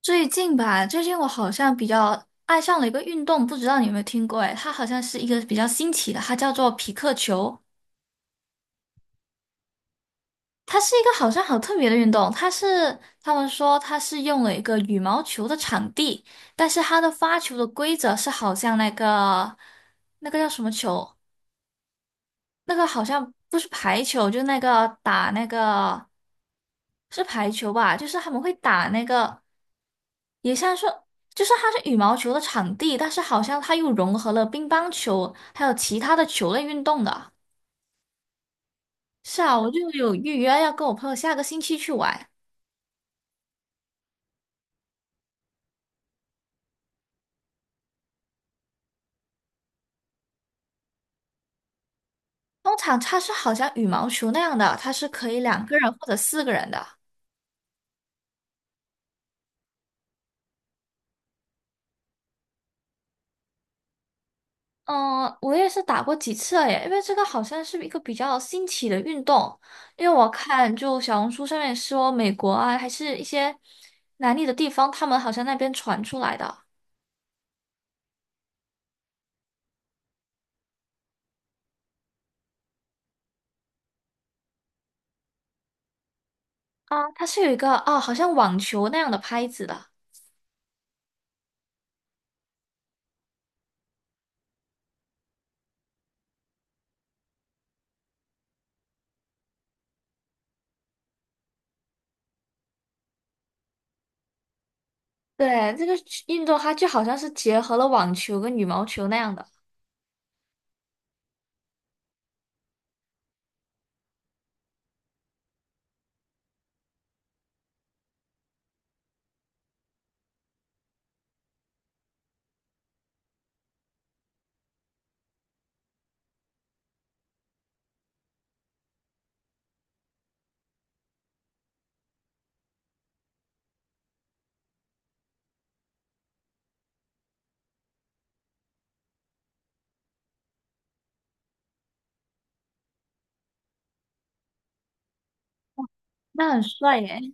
最近我好像比较爱上了一个运动，不知道你有没有听过？哎，它好像是一个比较新奇的，它叫做匹克球。它是一个好像好特别的运动，他们说它是用了一个羽毛球的场地，但是它的发球的规则是好像那个叫什么球？那个好像不是排球，就那个打那个是排球吧？就是他们会打那个，也像是就是它是羽毛球的场地，但是好像它又融合了乒乓球还有其他的球类运动的。是啊，我就有预约要跟我朋友下个星期去玩。通常它是好像羽毛球那样的，它是可以两个人或者四个人的。嗯，我也是打过几次了耶，因为这个好像是一个比较新奇的运动，因为我看就小红书上面说美国啊，还是一些南美的地方，他们好像那边传出来的啊，它是有一个啊，好像网球那样的拍子的，对，这个运动它就好像是结合了网球跟羽毛球那样的，那很帅耶。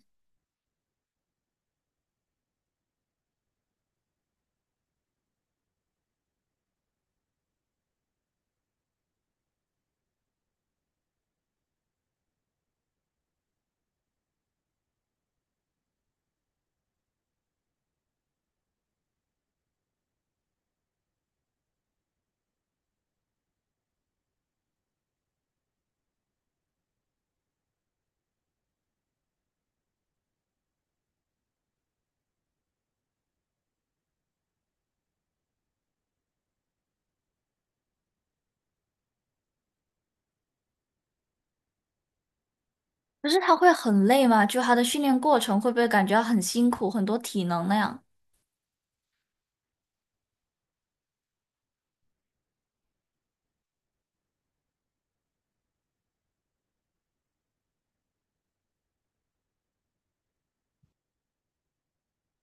可是它会很累吗？就它的训练过程会不会感觉到很辛苦，很多体能那样？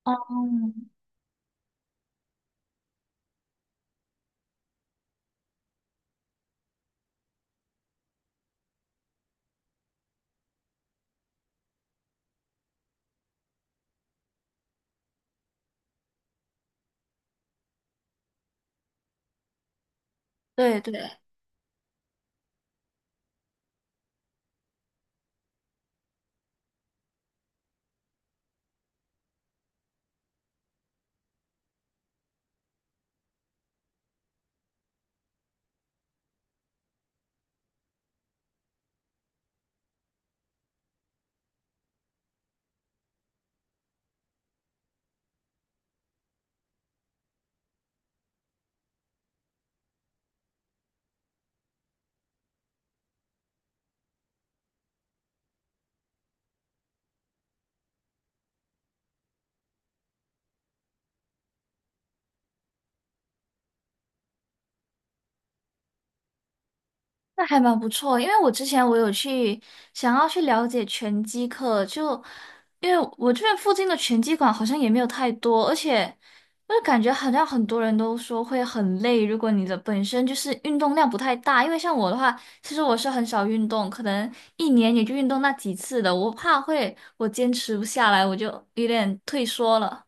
哦，对对。那还蛮不错，因为我之前有去想要去了解拳击课，就因为我这边附近的拳击馆好像也没有太多，而且我就感觉好像很多人都说会很累，如果你的本身就是运动量不太大，因为像我的话，其实我是很少运动，可能一年也就运动那几次的，我怕会我坚持不下来，我就有点退缩了。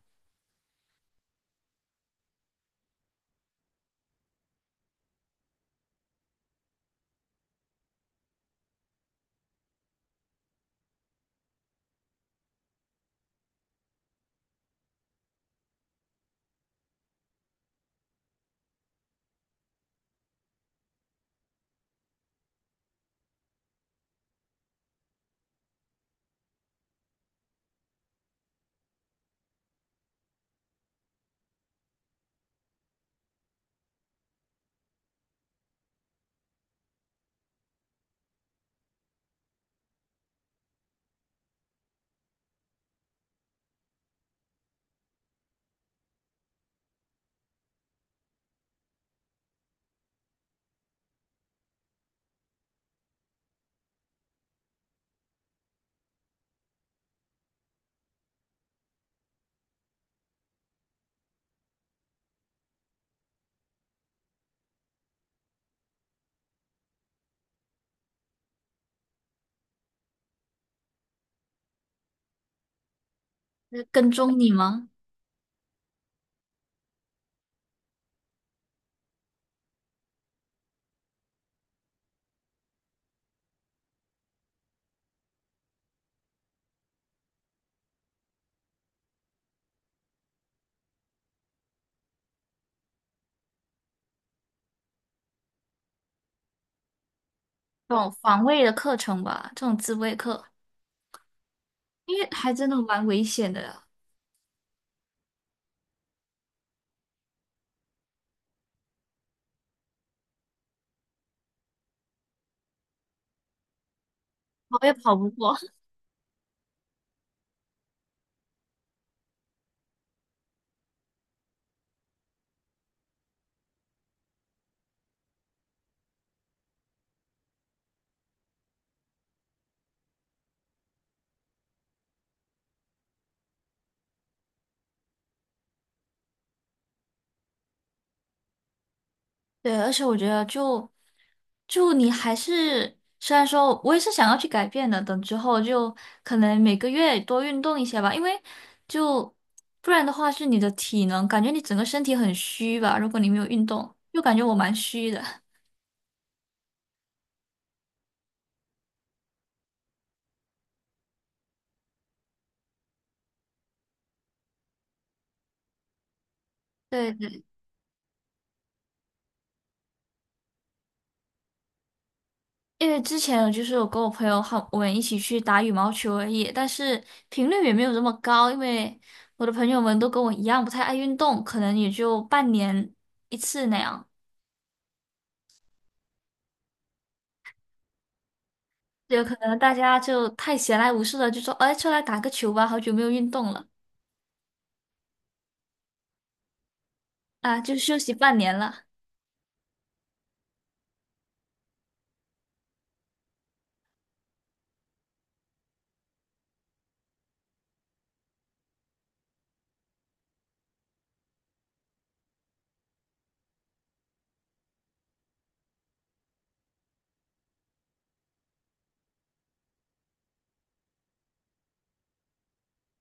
就是跟踪你吗？这种防卫的课程吧，这种自卫课，因为还真的蛮危险的。跑也跑不过。对，而且我觉得就你还是，虽然说我也是想要去改变的，等之后就可能每个月多运动一些吧，因为就不然的话是你的体能，感觉你整个身体很虚吧，如果你没有运动，又感觉我蛮虚的。对对，因为之前就是我跟我朋友好，我们一起去打羽毛球而已，但是频率也没有这么高，因为我的朋友们都跟我一样不太爱运动，可能也就半年一次那样。有可能大家就太闲来无事了，就说，哎，出来打个球吧，好久没有运动了啊，就休息半年了。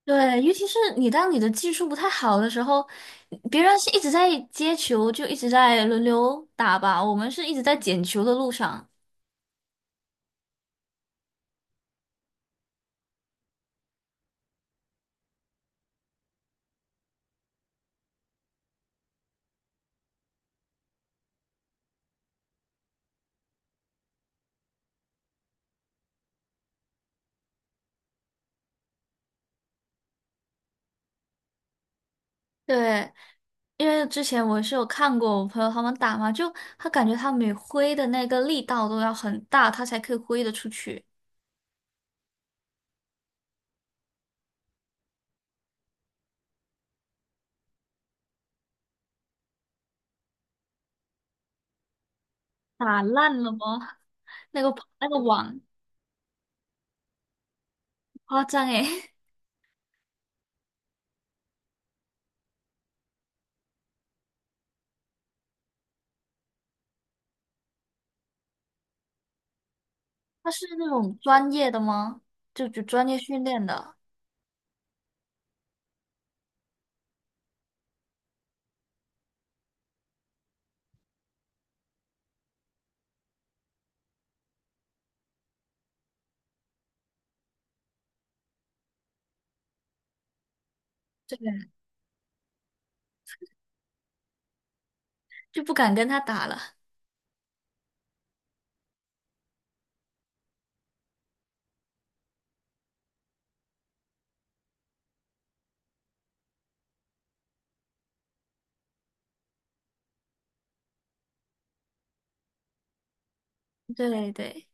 对，尤其是当你的技术不太好的时候，别人是一直在接球，就一直在轮流打吧，我们是一直在捡球的路上。对，因为之前我是有看过我朋友他们打嘛，就他感觉他每挥的那个力道都要很大，他才可以挥得出去，打烂了吗？那个那个网夸张诶。他是那种专业的吗？就专业训练的，对，就不敢跟他打了。对对，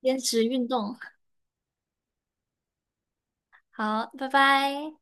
坚持运动，好，拜拜。